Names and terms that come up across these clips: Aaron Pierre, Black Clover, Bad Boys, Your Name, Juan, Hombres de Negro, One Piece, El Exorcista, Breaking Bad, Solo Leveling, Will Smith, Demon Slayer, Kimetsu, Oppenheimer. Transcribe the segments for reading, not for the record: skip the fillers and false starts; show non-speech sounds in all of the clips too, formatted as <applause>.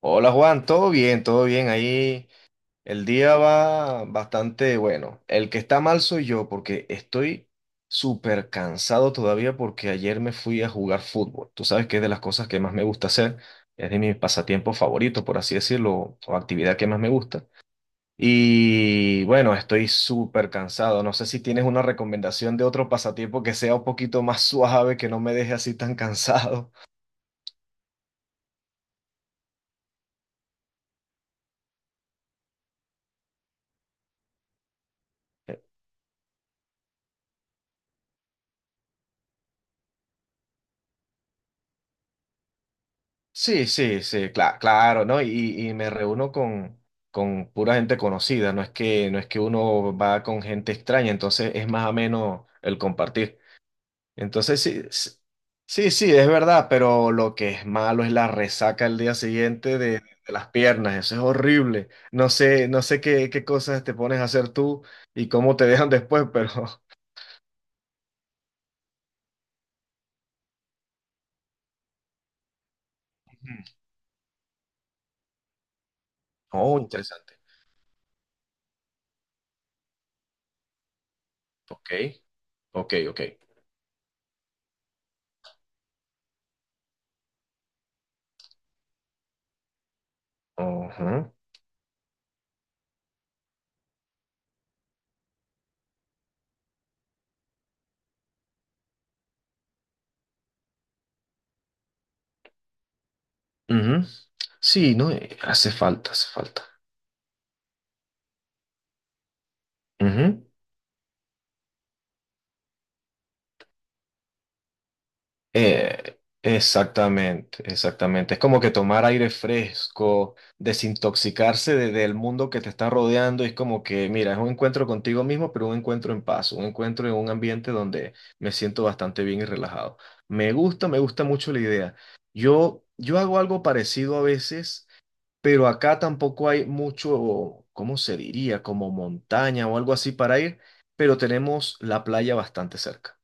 Hola Juan, todo bien, todo bien. Ahí el día va bastante bueno. El que está mal soy yo porque estoy súper cansado todavía porque ayer me fui a jugar fútbol. Tú sabes que es de las cosas que más me gusta hacer, es de mis pasatiempos favoritos, por así decirlo, o actividad que más me gusta. Y bueno, estoy súper cansado. No sé si tienes una recomendación de otro pasatiempo que sea un poquito más <laughs> suave, que no me deje así tan cansado. Sí, sí, sí, claro, ¿no? Y me reúno con pura gente conocida, no es que uno va con gente extraña, entonces es más ameno el compartir. Entonces sí, s- sí, sí, es verdad, pero lo que es malo es la resaca el día siguiente de las piernas, eso es horrible. No sé, no sé qué, qué cosas te pones a hacer tú y cómo te <laughs> dejan después, pero... <laughs> Oh, interesante. Ok, ok, ok. Ujú. Ujú. Sí, ¿no? Hace falta, hace falta. Ujú. Exactamente, exactamente. Es como que tomar aire fresco, desintoxicarse del mundo que te está rodeando. Es como que, mira, es un encuentro contigo mismo, pero un encuentro en paz, un encuentro en un ambiente donde me siento bastante bien y relajado. Me gusta mucho la idea. Yo hago algo parecido a veces. Pero acá tampoco hay mucho, ¿cómo se diría? Como montaña o algo así para ir, pero tenemos la playa bastante cerca.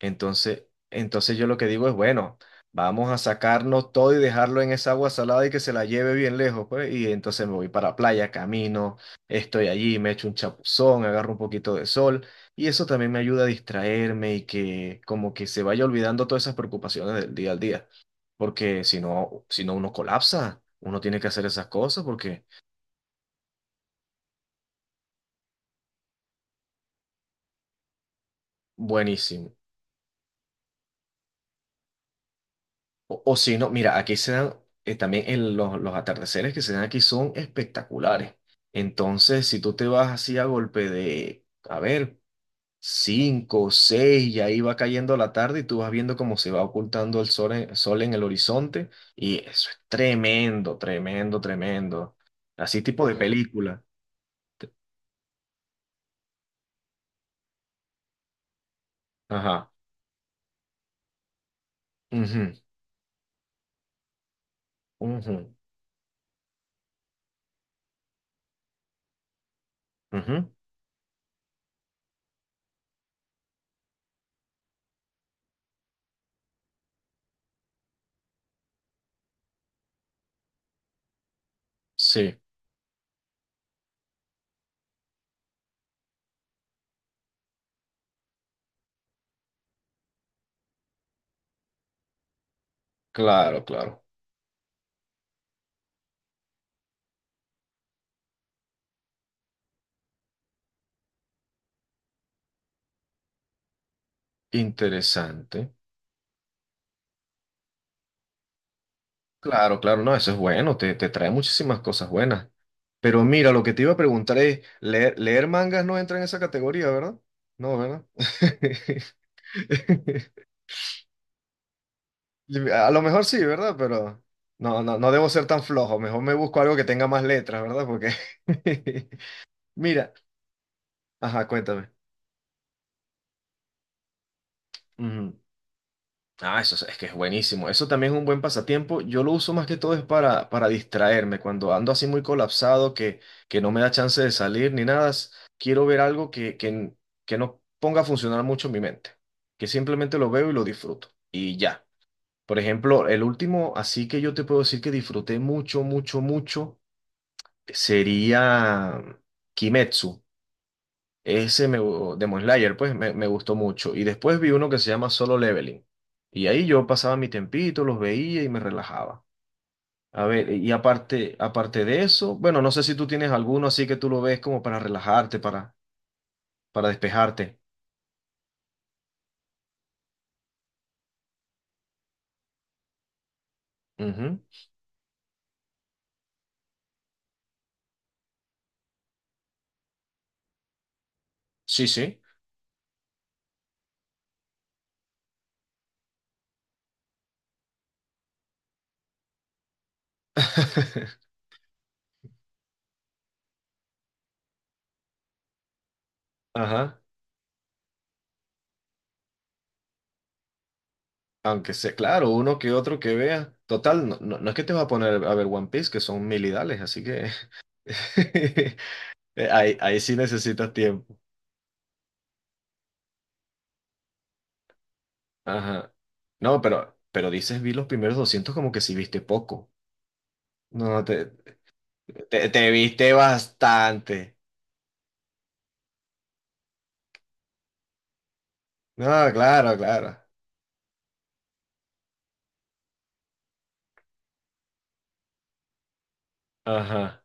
Entonces, entonces yo lo que digo es, bueno, vamos a sacarnos todo y dejarlo en esa agua salada y que se la lleve bien lejos, pues. Y entonces me voy para la playa, camino, estoy allí, me echo un chapuzón, agarro un poquito de sol. Y eso también me ayuda a distraerme y que como que se vaya olvidando todas esas preocupaciones del día al día. Porque si no, si no uno colapsa, uno tiene que hacer esas cosas porque buenísimo. O si no, mira, aquí se dan, también los atardeceres que se dan aquí son espectaculares. Entonces, si tú te vas así a golpe de, a ver, cinco, seis, y ahí va cayendo la tarde y tú vas viendo cómo se va ocultando el sol en, sol en el horizonte y eso es tremendo, tremendo, tremendo. Así tipo de wow. Película. Ajá. Ujú, ujú, ujú. Sí, claro, claro. Interesante. Claro, claro, no, eso es bueno, te trae muchísimas cosas buenas. Pero mira, lo que te iba a preguntar es, leer, leer mangas no entra en esa categoría, ¿verdad? No, ¿verdad? <laughs> <laughs> A lo mejor sí, ¿verdad? Pero no, no, no debo ser tan flojo, mejor me busco algo que tenga más letras, ¿verdad? <laughs> Mira, ajá, cuéntame. Ah, eso es que es buenísimo. Eso también es un buen pasatiempo. Yo lo uso más que todo es para distraerme. Cuando ando así muy colapsado, que no me da chance de salir ni nada, quiero ver algo que no ponga a funcionar mucho mi mente. Que simplemente lo veo y lo disfruto. Y ya. Por ejemplo, el último, así que yo te puedo decir que disfruté mucho, mucho, mucho, sería Kimetsu. Ese de Demon Slayer, pues me gustó mucho. Y después vi uno que se llama Solo Leveling. Y ahí yo pasaba mi tempito, los veía y me relajaba. A ver, y aparte, aparte de eso, bueno, no sé si tú tienes alguno así que tú lo ves como para relajarte, para despejarte. Ujú. Sí, sí. <laughs> Ajá. Aunque sea, claro, uno que otro que vea. Total, no, no, no es que te vas a poner a ver One Piece, que son milidales, así que <laughs> ahí, ahí sí necesitas tiempo. Ajá. No, pero dices, vi los primeros 200 como que sí viste poco. No, te viste bastante. No, claro, claro. Ajá.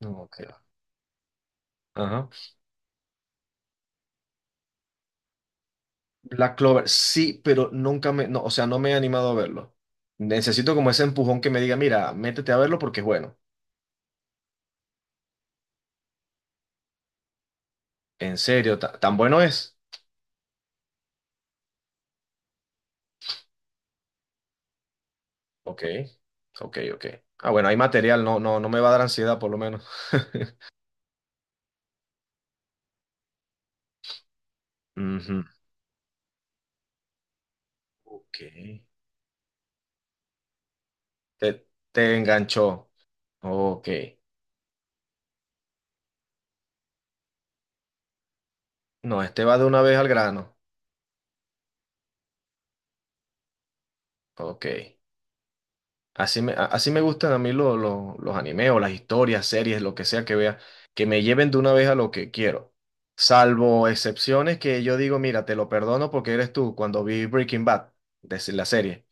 No, ok. Ajá. Black Clover, sí, pero nunca me, no, o sea, no me he animado a verlo. Necesito como ese empujón que me diga, mira, métete a verlo porque es bueno. En serio, ¿tan bueno es? Ok, ok, ok. Ah, bueno, hay material, no, no, no me va a dar ansiedad por lo menos. <laughs> Ujú. Ok. Te, te enganchó. Ok. No, este va de una vez al grano. Ok. Así así me gustan a mí los animes o las historias, series, lo que sea que vea, que me lleven de una vez a lo que quiero. Salvo excepciones que yo digo, mira, te lo perdono porque eres tú cuando vi Breaking Bad, de la serie.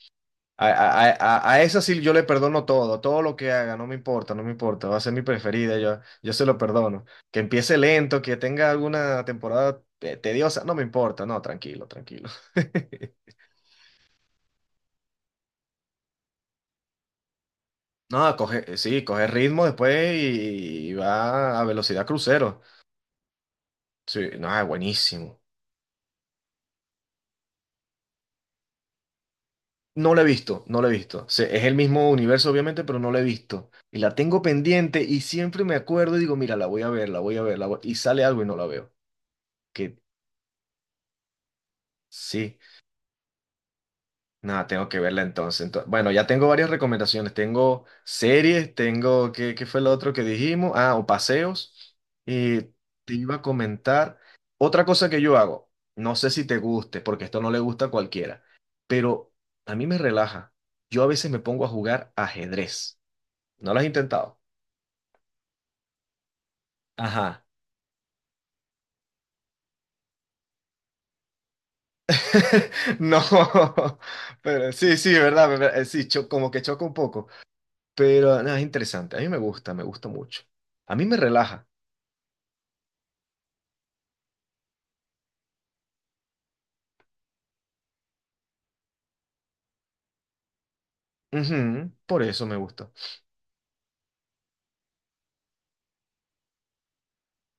A esa sí yo le perdono todo, todo lo que haga, no me importa, no me importa, va a ser mi preferida, yo se lo perdono. Que empiece lento, que tenga alguna temporada tediosa, no me importa, no, tranquilo, tranquilo. <laughs> No, coge, sí, coge ritmo después y va a velocidad crucero. Sí, no, es buenísimo. No lo he visto, no lo he visto. Es el mismo universo, obviamente, pero no lo he visto. Y la tengo pendiente y siempre me acuerdo y digo, mira, la voy a ver, la voy a ver, la voy-". Y sale algo y no la veo. Que sí. Nada, tengo que verla entonces. Ento- Bueno, ya tengo varias recomendaciones. Tengo series, tengo, ¿qué, qué fue lo otro que dijimos? Ah, o paseos. Y te iba a comentar otra cosa que yo hago. No sé si te guste, porque esto no le gusta a cualquiera, pero a mí me relaja. Yo a veces me pongo a jugar ajedrez. ¿No lo has intentado? Ajá. <laughs> No, pero sí, sí, verdad, sí, como que choca un poco, pero no, es interesante, a mí me gusta mucho, a mí me relaja. Ujú, por eso me gusta.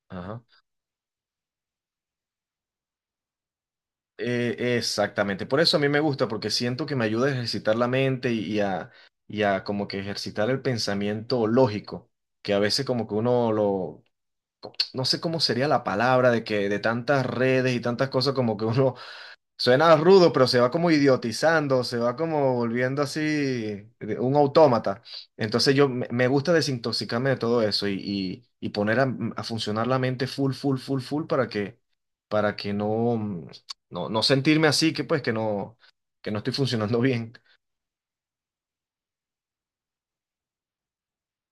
Ajá. Exactamente, por eso a mí me gusta, porque siento que me ayuda a ejercitar la mente y a como que ejercitar el pensamiento lógico, que a veces como que uno lo, no sé cómo sería la palabra de que de tantas redes y tantas cosas como que uno. Suena rudo, pero se va como idiotizando, se va como volviendo así un autómata. Entonces yo me gusta desintoxicarme de todo eso y poner a funcionar la mente full, full, full, full para que no, no, no sentirme así, que pues que no estoy funcionando bien.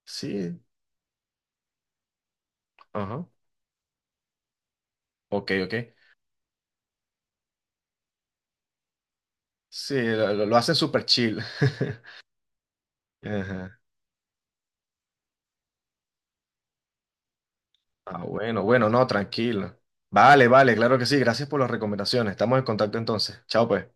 Sí, ajá. Ok, ok. Sí, lo hacen súper chill. <laughs> Ajá. Ah, bueno, bueno, no, tranquilo. Vale, vale, claro que sí. Gracias por las recomendaciones. Estamos en contacto entonces. Chao, pues.